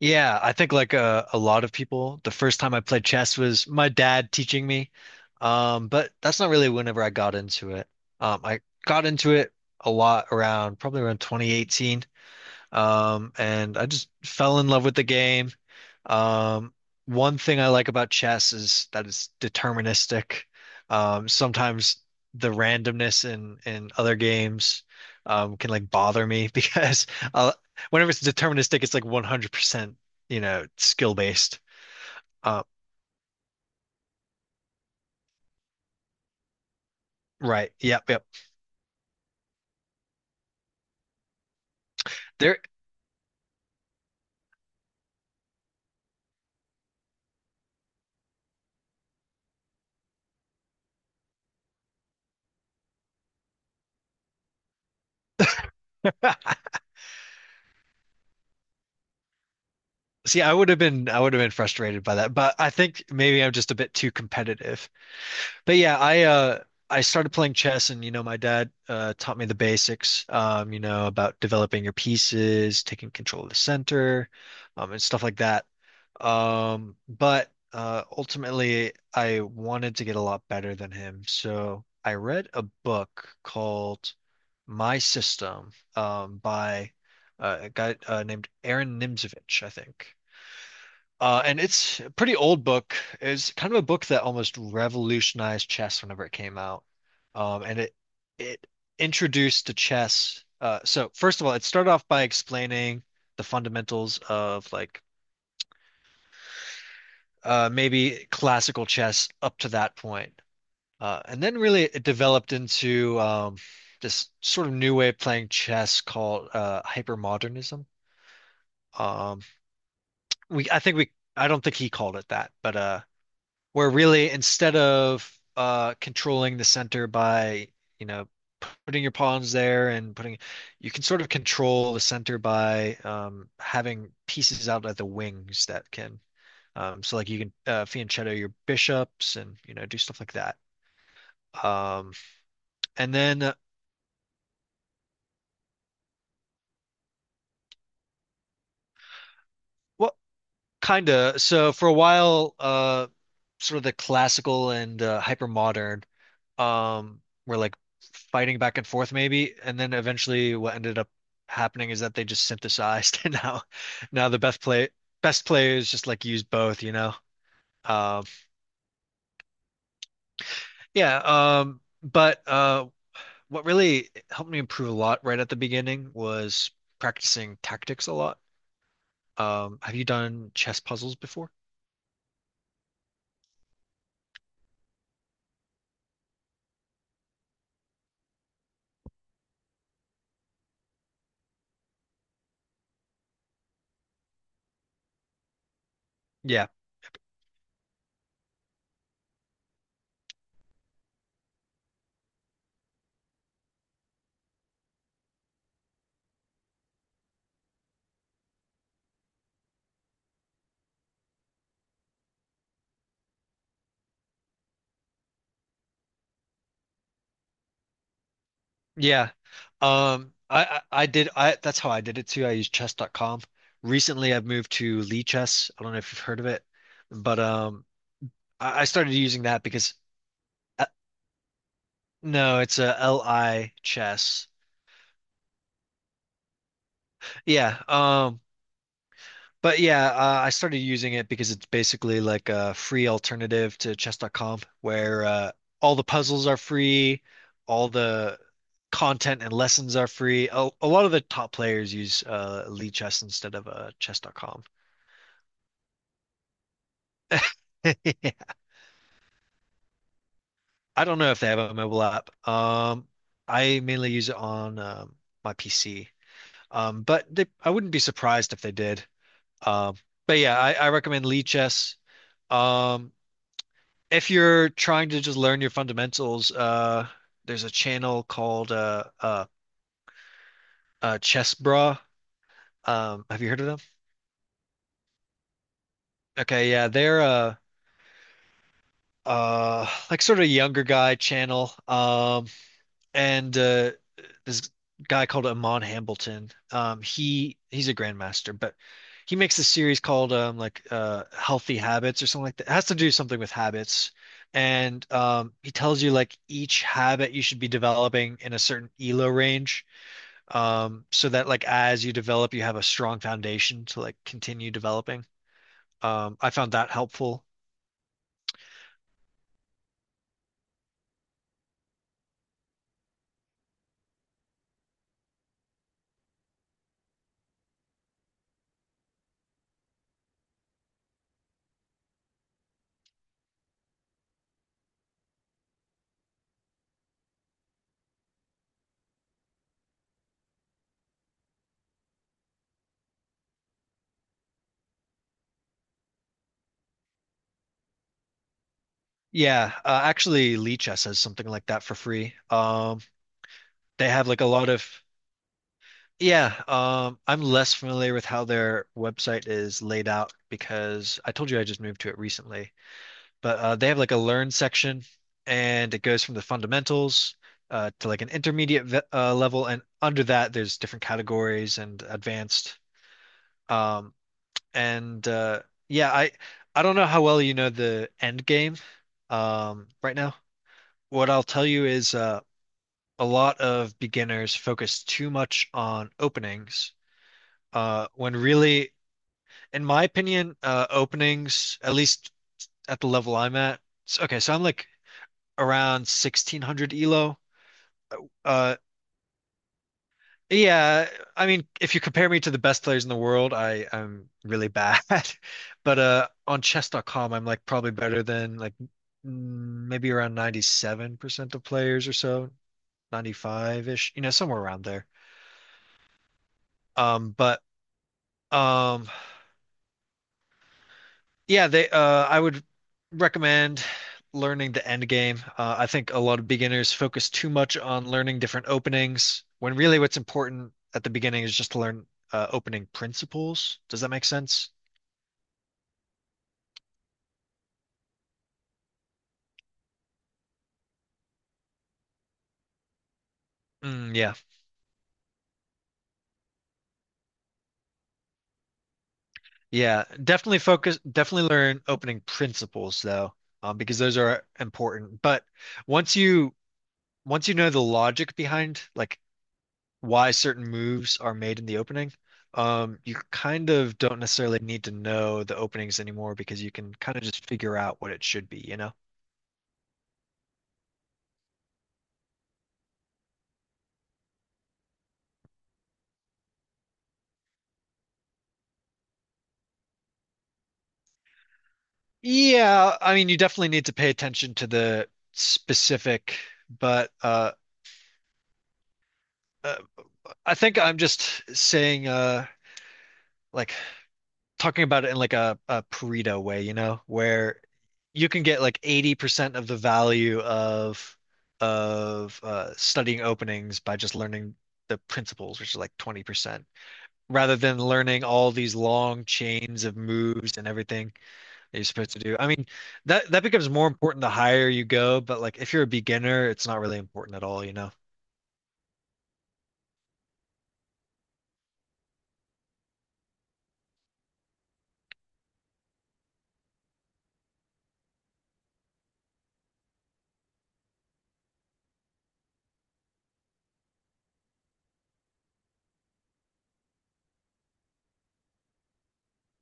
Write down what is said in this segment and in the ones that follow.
Yeah, I think like a lot of people, the first time I played chess was my dad teaching me. But that's not really whenever I got into it. I got into it a lot around probably around 2018. And I just fell in love with the game. Um, One thing I like about chess is that it's deterministic. Sometimes the randomness in other games can like bother me because uh, whenever it's deterministic, it's like 100%, you know, skill based. Uh, right. Yep. Yep. There. See, I would have been frustrated by that, but I think maybe I'm just a bit too competitive. But yeah, I I started playing chess, and you know my dad taught me the basics, you know, about developing your pieces, taking control of the center, and stuff like that. But ultimately I wanted to get a lot better than him. So I read a book called My System, by a guy named Aaron Nimzowitsch, I think. And it's a pretty old book. It's kind of a book that almost revolutionized chess whenever it came out. And it introduced to chess. So first of all, it started off by explaining the fundamentals of like maybe classical chess up to that point. And then really it developed into this sort of new way of playing chess called hypermodernism. Um, we I think we I don't think he called it that, but where really instead of controlling the center by, you know, putting your pawns there and putting, you can sort of control the center by having pieces out at the wings that can, so like you can fianchetto your bishops, and you know do stuff like that. Um, and then well, kind of. So for a while, sort of the classical and hyper modern, um we're like fighting back and forth maybe, and then eventually what ended up happening is that they just synthesized and now the best players just like use both, you know. Um yeah um but uh what really helped me improve a lot right at the beginning was practicing tactics a lot. Have you done chess puzzles before? Yeah. Yeah. I did I That's how I did it too. I used chess.com. Recently I've moved to Lee Chess. I don't know if you've heard of it, but I started using that because uh, no, it's a LI chess. Yeah. I started using it because it's basically like a free alternative to chess.com where all the puzzles are free, all the content and lessons are free. A lot of the top players use Lee Chess instead of chess.com. I don't know if they have a mobile app. I mainly use it on my PC. But they, I wouldn't be surprised if they did. Um, but yeah, I recommend Lee Chess. Um, if you're trying to just learn your fundamentals, there's a channel called Chess Bra. Have you heard of them? Okay, yeah, they're like sort of younger guy channel. And This guy called Amon Hambleton. He's a grandmaster, but he makes a series called like Healthy Habits or something like that. It has to do something with habits, and he tells you like each habit you should be developing in a certain ELO range, so that like as you develop, you have a strong foundation to like continue developing. I found that helpful. Yeah, actually, Lee Chess has something like that for free. They have like a lot of Yeah, I'm less familiar with how their website is laid out because I told you I just moved to it recently. But they have like a learn section, and it goes from the fundamentals to like an intermediate level, and under that there's different categories and advanced. Um, and yeah, I don't know how well you know the end game right now. What I'll tell you is a lot of beginners focus too much on openings when really in my opinion, openings, at least at the level I'm at. So, okay, so I'm like around 1600 elo. Uh, yeah, I mean, if you compare me to the best players in the world, I'm really bad. But on chess.com, I'm like probably better than maybe around 97% of players or so, 95-ish, you know, somewhere around there. But um, Yeah, they I would recommend learning the end game. I think a lot of beginners focus too much on learning different openings when really what's important at the beginning is just to learn opening principles. Does that make sense? Mm, yeah. Yeah, definitely learn opening principles though, because those are important. But once you once you know the logic behind like why certain moves are made in the opening. You kind of don't necessarily need to know the openings anymore because you can kind of just figure out what it should be, you know? Yeah, I mean, you definitely need to pay attention to the specific, but uh I think I'm just saying like talking about it in like a Pareto way, you know, where you can get like 80% of the value of studying openings by just learning the principles, which is like 20, rather than learning all these long chains of moves and everything that you're supposed to do. I mean, that becomes more important the higher you go, but like if you're a beginner, it's not really important at all, you know?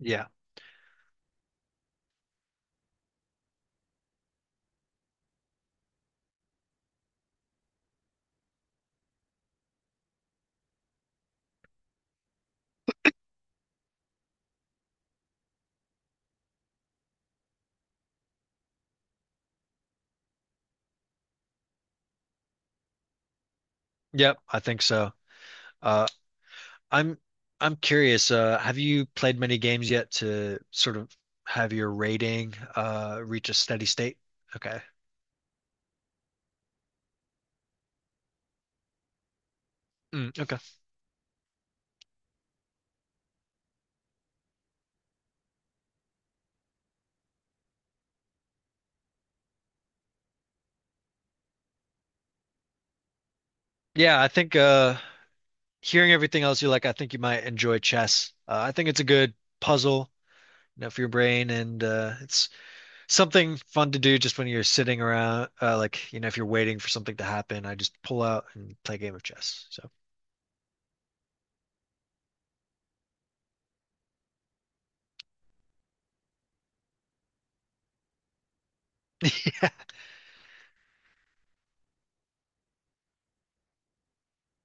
Yeah. Yep, I think so. Uh, I'm I'm curious, have you played many games yet to sort of have your rating reach a steady state? Okay. Mm, okay. Yeah, I think hearing everything else you like, I think you might enjoy chess. I think it's a good puzzle, you know, for your brain, and it's something fun to do just when you're sitting around, like, you know, if you're waiting for something to happen, I just pull out and play a game of chess. So,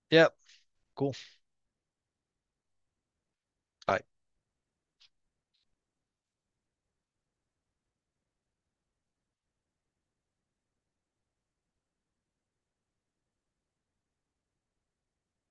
yeah, cool. Bye.